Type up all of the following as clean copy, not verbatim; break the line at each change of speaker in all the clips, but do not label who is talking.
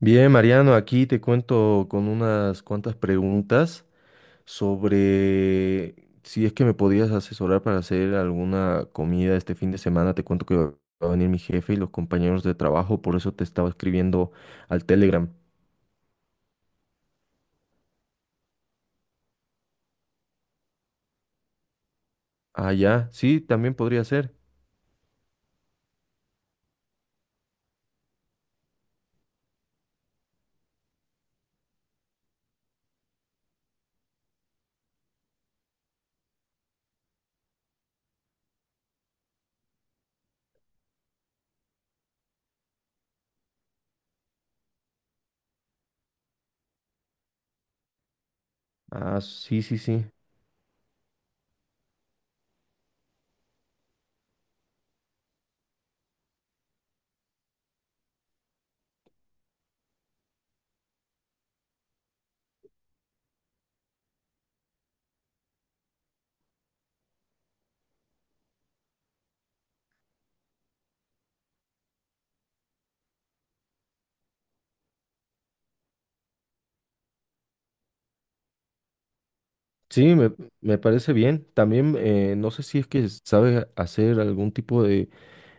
Bien, Mariano, aquí te cuento con unas cuantas preguntas sobre si es que me podías asesorar para hacer alguna comida este fin de semana. Te cuento que va a venir mi jefe y los compañeros de trabajo, por eso te estaba escribiendo al Telegram. Ah, ya, sí, también podría ser. Ah, sí, sí, sí. Sí, me parece bien. También no sé si es que sabes hacer algún tipo de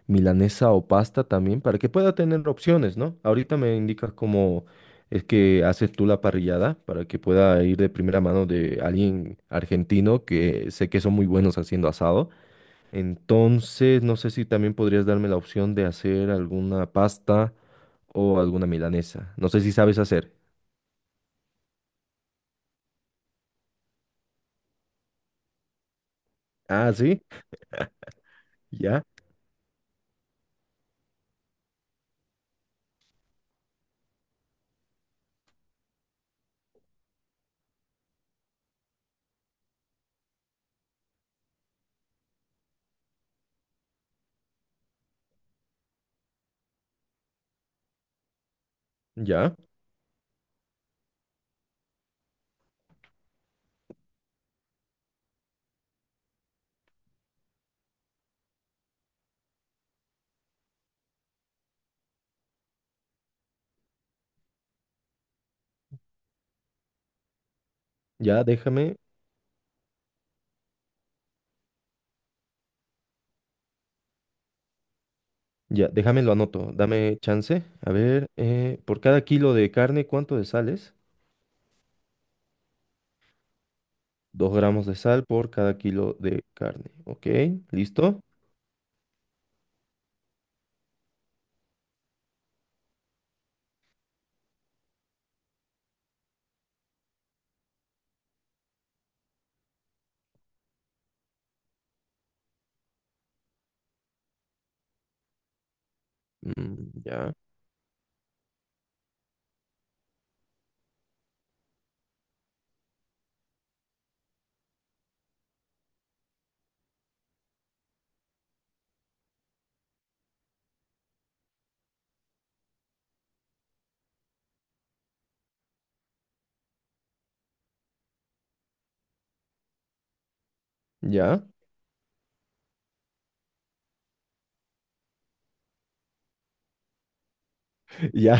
milanesa o pasta también, para que pueda tener opciones, ¿no? Ahorita me indicas cómo es que haces tú la parrillada, para que pueda ir de primera mano de alguien argentino que sé que son muy buenos haciendo asado. Entonces, no sé si también podrías darme la opción de hacer alguna pasta o alguna milanesa. No sé si sabes hacer. Ah, sí, ya, ya, ya, déjame. Ya, déjame lo anoto, dame chance. A ver, por cada kilo de carne, ¿cuánto de sales? 2 gramos de sal por cada kilo de carne. ¿Ok? ¿Listo? Mm, ya, ya, ya,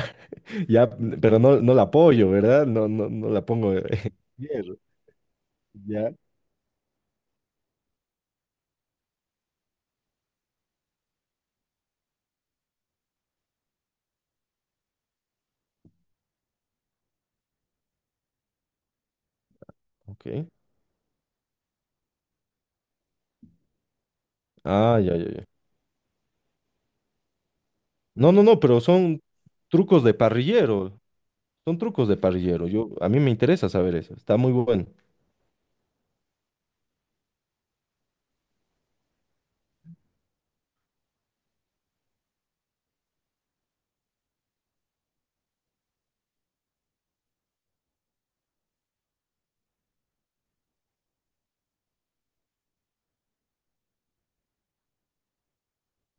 ya, pero no, no la apoyo, ¿verdad? No, no, no la pongo. Hierro, ya. Ok. Ah, ya, ya, ya. No, no, no, pero son trucos de parrillero. Son trucos de parrillero. Yo, a mí me interesa saber eso. Está muy bueno.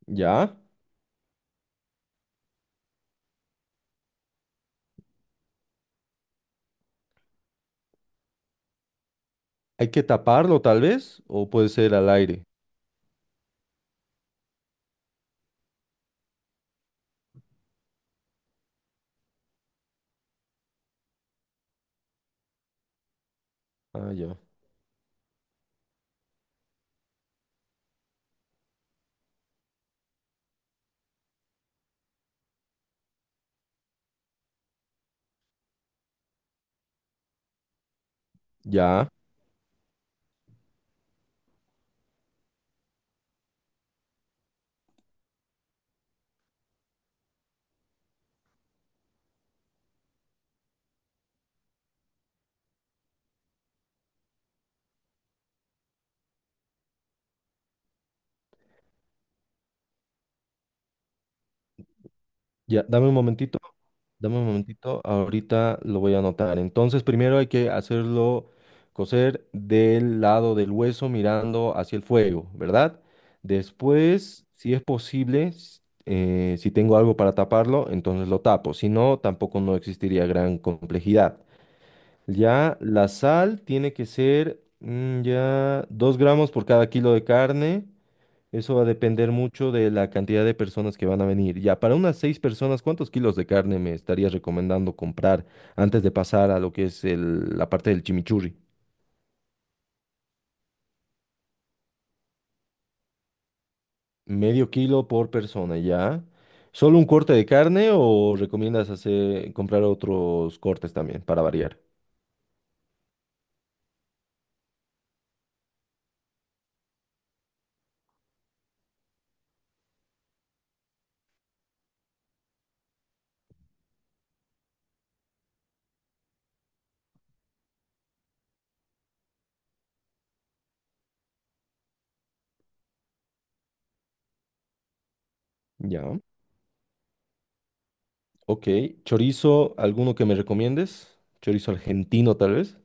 Ya. Hay que taparlo, tal vez, o puede ser al aire. Ah, ya. Ya, ya. Dame un momentito. Dame un momentito, ahorita lo voy a anotar. Entonces, primero hay que hacerlo cocer del lado del hueso mirando hacia el fuego, ¿verdad? Después, si es posible, si tengo algo para taparlo, entonces lo tapo. Si no, tampoco no existiría gran complejidad. Ya la sal tiene que ser ya 2 gramos por cada kilo de carne. Eso va a depender mucho de la cantidad de personas que van a venir. Ya, para unas seis personas, ¿cuántos kilos de carne me estarías recomendando comprar antes de pasar a lo que es la parte del chimichurri? Medio kilo por persona, ¿ya? ¿Solo un corte de carne o recomiendas hacer, comprar otros cortes también para variar? Ya, ok. Chorizo, ¿alguno que me recomiendes? Chorizo argentino, tal vez.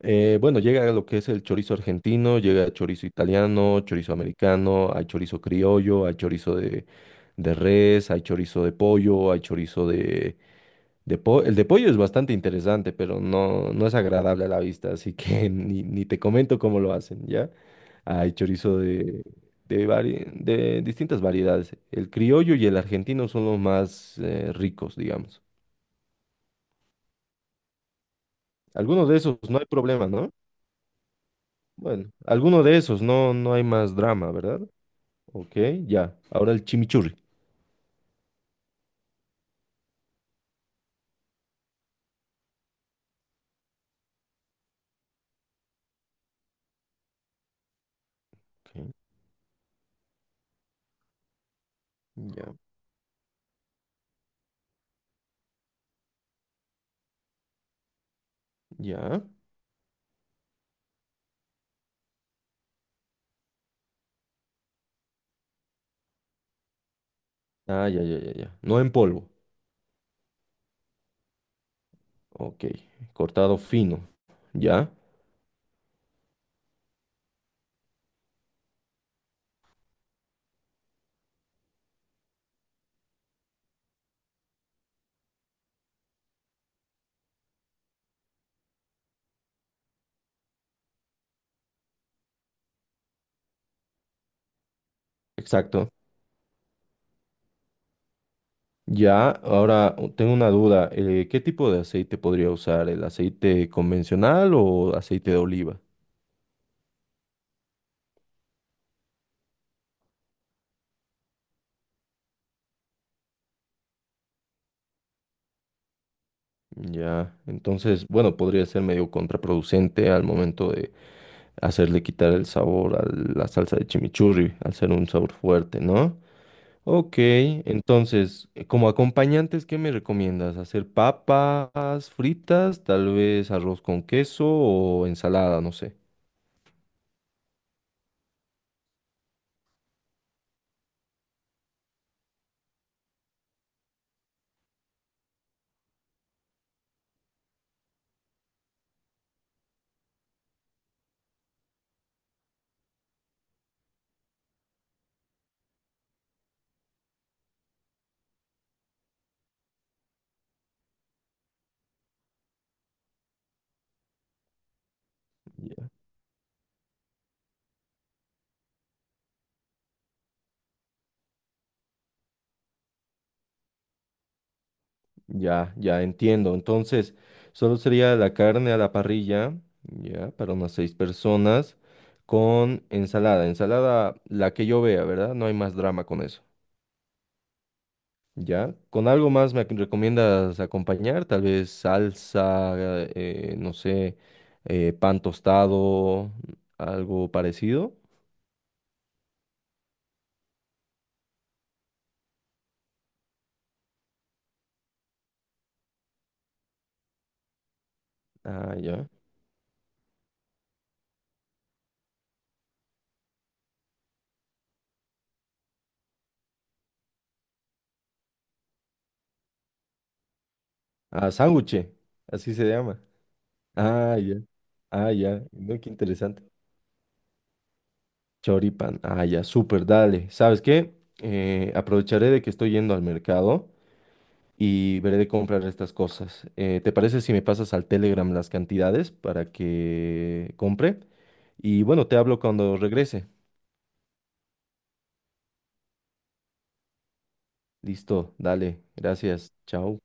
Bueno, llega lo que es el chorizo argentino, llega el chorizo italiano, chorizo americano, hay chorizo criollo, hay chorizo de res, hay chorizo de pollo, hay chorizo de pollo. El de pollo es bastante interesante, pero no, no es agradable a la vista, así que ni te comento cómo lo hacen, ¿ya? Hay chorizo de distintas variedades. El criollo y el argentino son los más ricos, digamos. Algunos de esos no hay problema, ¿no? Bueno, alguno de esos, no, no hay más drama, ¿verdad? Ok, ya. Ahora el chimichurri. Ok, ya, ya. Ah, ya, ya, ya, ya. No en polvo. Ok, cortado fino. Ya, exacto. Ya, ahora tengo una duda. ¿Qué tipo de aceite podría usar? ¿El aceite convencional o aceite de oliva? Ya, entonces, bueno, podría ser medio contraproducente al momento de hacerle quitar el sabor a la salsa de chimichurri, al ser un sabor fuerte, ¿no? Ok, entonces, como acompañantes, ¿qué me recomiendas? ¿Hacer papas fritas, tal vez arroz con queso o ensalada? No sé. Ya, ya, ya entiendo. Entonces, solo sería la carne a la parrilla, ya, para unas seis personas, con ensalada. Ensalada, la que yo vea, ¿verdad? No hay más drama con eso. Ya, ¿con algo más me recomiendas acompañar? Tal vez salsa, no sé, pan tostado, algo parecido. Ah, ya. Ah, sándwich, así se llama. Ah, ya. Ah, ya. No, qué interesante. Choripan. Ah, ya, súper, dale. ¿Sabes qué? Aprovecharé de que estoy yendo al mercado y veré de comprar estas cosas. ¿Te parece si me pasas al Telegram las cantidades para que compre? Y bueno, te hablo cuando regrese. Listo, dale, gracias, chao.